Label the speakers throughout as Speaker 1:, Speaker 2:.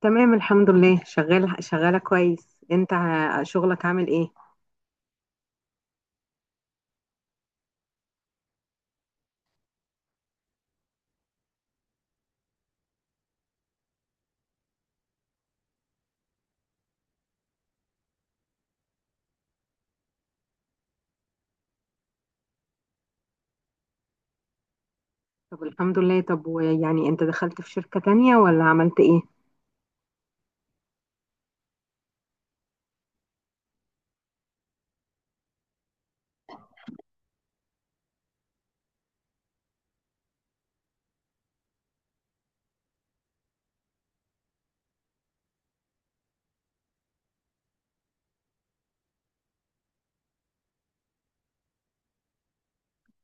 Speaker 1: تمام، الحمد لله. شغالة كويس انت شغلك عامل ايه؟ طب الحمد لله. طب ويعني انت دخلت في شركة تانية ولا عملت ايه؟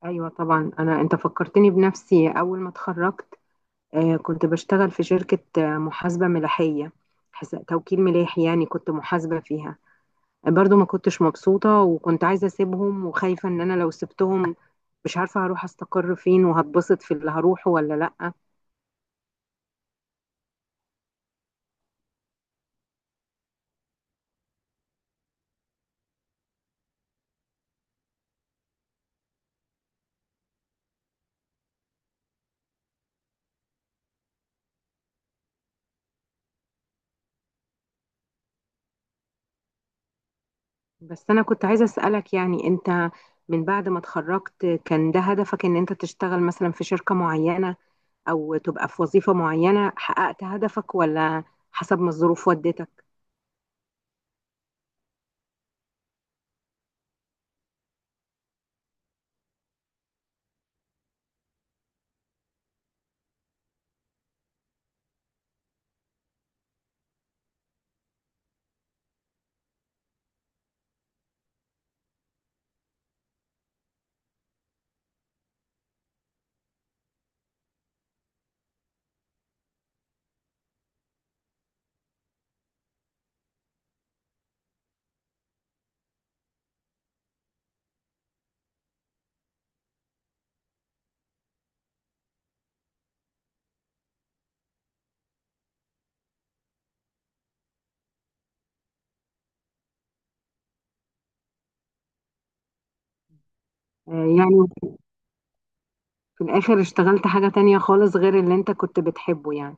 Speaker 1: ايوه طبعا. انت فكرتني بنفسي. اول ما اتخرجت آه، كنت بشتغل في شركة، محاسبة ملاحية، توكيل ملاحي يعني. كنت محاسبة فيها، برضو ما كنتش مبسوطة، وكنت عايزة اسيبهم وخايفة ان انا لو سبتهم مش عارفة هروح استقر فين وهتبسط في اللي هروحه ولا لأ. بس أنا كنت عايزة أسألك، يعني أنت من بعد ما اتخرجت كان ده هدفك إن أنت تشتغل مثلا في شركة معينة أو تبقى في وظيفة معينة؟ حققت هدفك ولا حسب ما الظروف ودتك؟ آه، يعني في الآخر اشتغلت حاجة تانية خالص غير اللي أنت كنت بتحبه يعني؟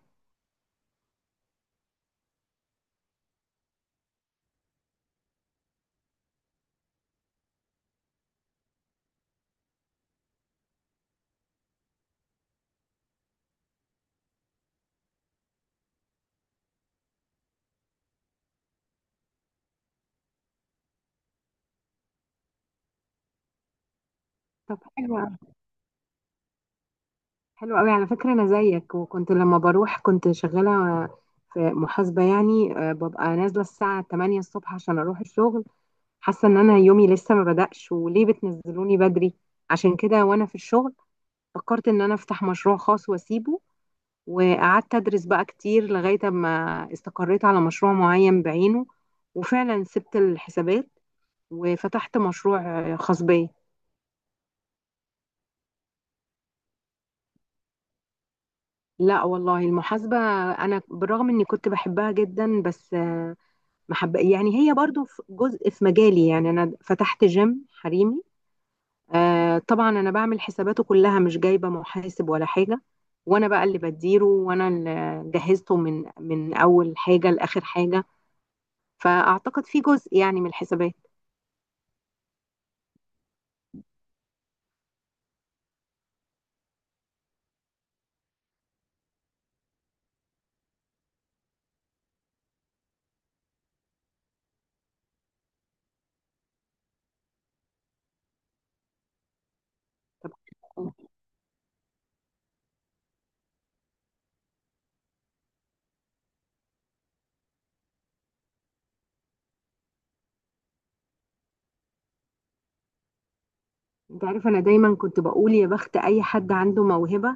Speaker 1: طب حلو أوي. حلو أوي على فكرة، أنا زيك. وكنت لما بروح كنت شغالة في محاسبة يعني، ببقى نازلة الساعة 8 الصبح عشان أروح الشغل. حاسه ان انا يومي لسه ما بدأش وليه بتنزلوني بدري؟ عشان كده، وانا في الشغل، فكرت ان انا افتح مشروع خاص واسيبه. وقعدت ادرس بقى كتير لغايه ما استقريت على مشروع معين بعينه. وفعلا سبت الحسابات وفتحت مشروع خاص بيا. لا والله، المحاسبه انا بالرغم اني كنت بحبها جدا بس ما حب يعني. هي برضو في جزء في مجالي، يعني انا فتحت جيم حريمي. آه طبعا انا بعمل حساباته كلها، مش جايبه محاسب ولا حاجه. وانا بقى اللي بديره، وانا اللي جهزته من اول حاجه لاخر حاجه. فاعتقد في جزء يعني من الحسابات. انت عارف، انا دايما كنت بقول يا بخت اي حد عنده موهبة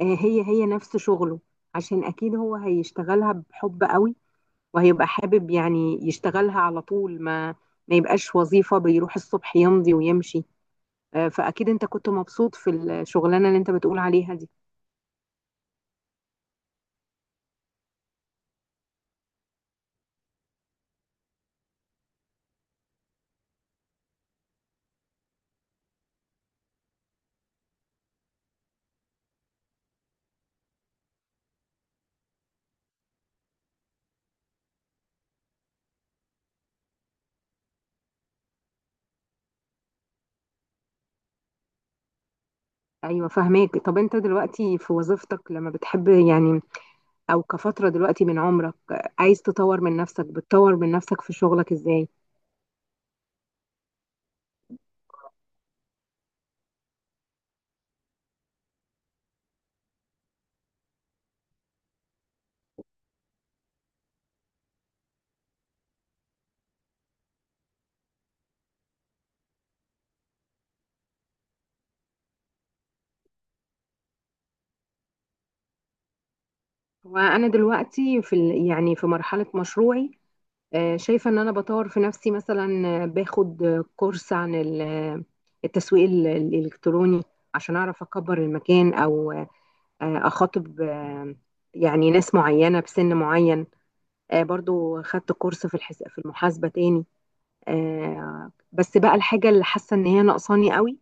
Speaker 1: هي هي نفس شغله، عشان اكيد هو هيشتغلها بحب قوي وهيبقى حابب يعني يشتغلها على طول، ما يبقاش وظيفة بيروح الصبح يمضي ويمشي. فاكيد انت كنت مبسوط في الشغلانة اللي انت بتقول عليها دي. ايوه، فهماك. طب انت دلوقتي في وظيفتك لما بتحب يعني، او كفتره دلوقتي من عمرك، عايز تطور من نفسك، بتطور من نفسك في شغلك ازاي؟ وانا دلوقتي في يعني في مرحله مشروعي، شايفه ان انا بطور في نفسي. مثلا باخد كورس عن التسويق الالكتروني عشان اعرف اكبر المكان، او اخاطب يعني ناس معينه بسن معين. برضو خدت كورس في في المحاسبه تاني آه، بس بقى الحاجة اللي حاسة ان هي ناقصاني قوي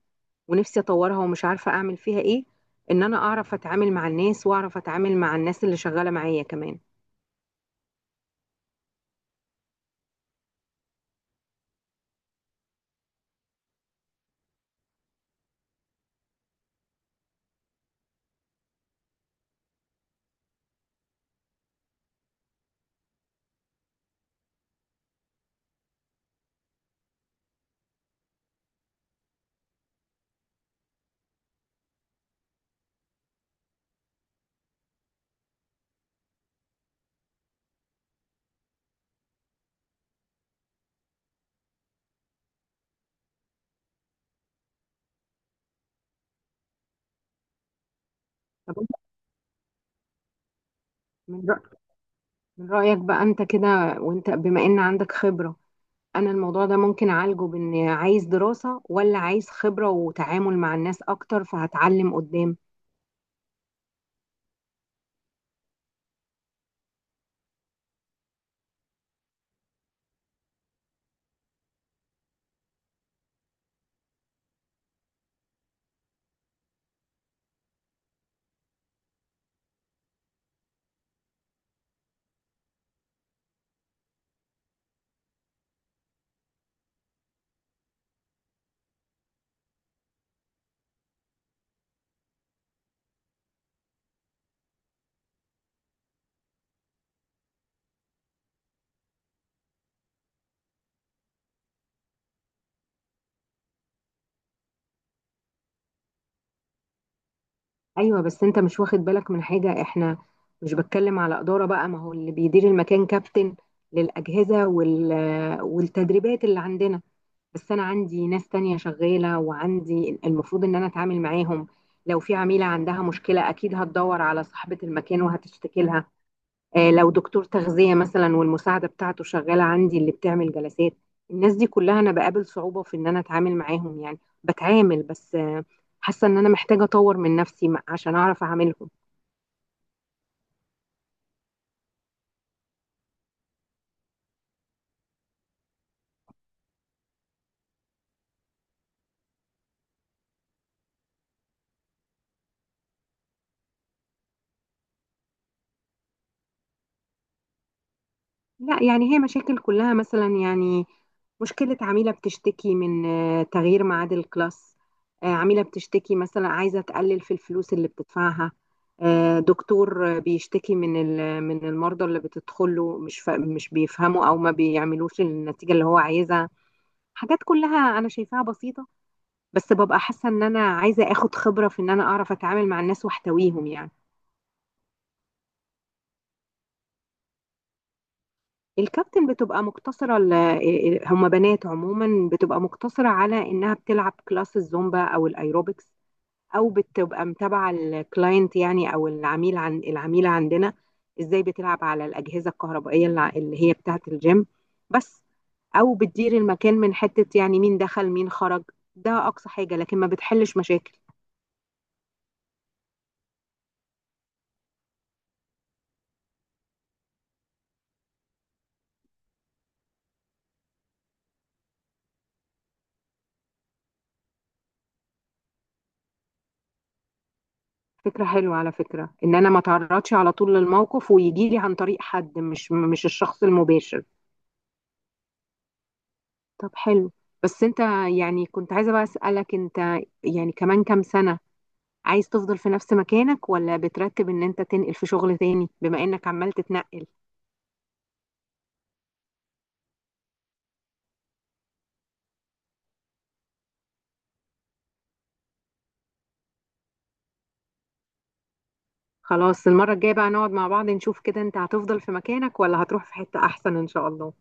Speaker 1: ونفسي اطورها ومش عارفة اعمل فيها ايه، ان انا اعرف اتعامل مع الناس واعرف اتعامل مع الناس اللي شغالة معايا كمان. طب أنت من رأ- من رأيك بقى انت كده وانت بما ان عندك خبرة، انا الموضوع ده ممكن اعالجه بان عايز دراسة ولا عايز خبرة وتعامل مع الناس اكتر فهتعلم قدام؟ ايوه بس انت مش واخد بالك من حاجة. احنا مش بتكلم على إدارة بقى، ما هو اللي بيدير المكان كابتن للأجهزة والتدريبات اللي عندنا. بس انا عندي ناس تانية شغالة، وعندي المفروض ان انا اتعامل معاهم. لو في عميلة عندها مشكلة اكيد هتدور على صاحبة المكان وهتشتكي لها. لو دكتور تغذية مثلا والمساعدة بتاعته شغالة عندي اللي بتعمل جلسات، الناس دي كلها انا بقابل صعوبة في ان انا اتعامل معاهم يعني. بتعامل بس حاسة ان انا محتاجة اطور من نفسي عشان اعرف اعاملهم. لا يعني هي مشاكل كلها مثلا يعني، مشكلة عميلة بتشتكي من تغيير ميعاد الكلاس، عميلة بتشتكي مثلا عايزة تقلل في الفلوس اللي بتدفعها، دكتور بيشتكي من من المرضى اللي بتدخله مش مش بيفهموا او ما بيعملوش النتيجة اللي هو عايزها. حاجات كلها انا شايفاها بسيطة، بس ببقى حاسة ان انا عايزة اخد خبرة في ان انا اعرف اتعامل مع الناس واحتويهم يعني. الكابتن بتبقى مقتصرة، هما بنات عموما بتبقى مقتصرة على إنها بتلعب كلاس الزومبا أو الأيروبكس، أو بتبقى متابعة الكلاينت يعني، أو العميل عن العميلة عندنا إزاي بتلعب على الأجهزة الكهربائية اللي هي بتاعة الجيم بس، أو بتدير المكان من حتة يعني مين دخل مين خرج. ده أقصى حاجة، لكن ما بتحلش مشاكل. فكرة حلوة على فكرة، إن أنا ما تعرضش على طول للموقف ويجي لي عن طريق حد، مش الشخص المباشر. طب حلو. بس انت، يعني كنت عايزة بقى أسألك، انت يعني كمان كام سنة عايز تفضل في نفس مكانك، ولا بترتب ان انت تنقل في شغل تاني بما انك عمال تتنقل؟ خلاص، المرة الجاية بقى نقعد مع بعض نشوف كده، انت هتفضل في مكانك ولا هتروح في حتة احسن، ان شاء الله.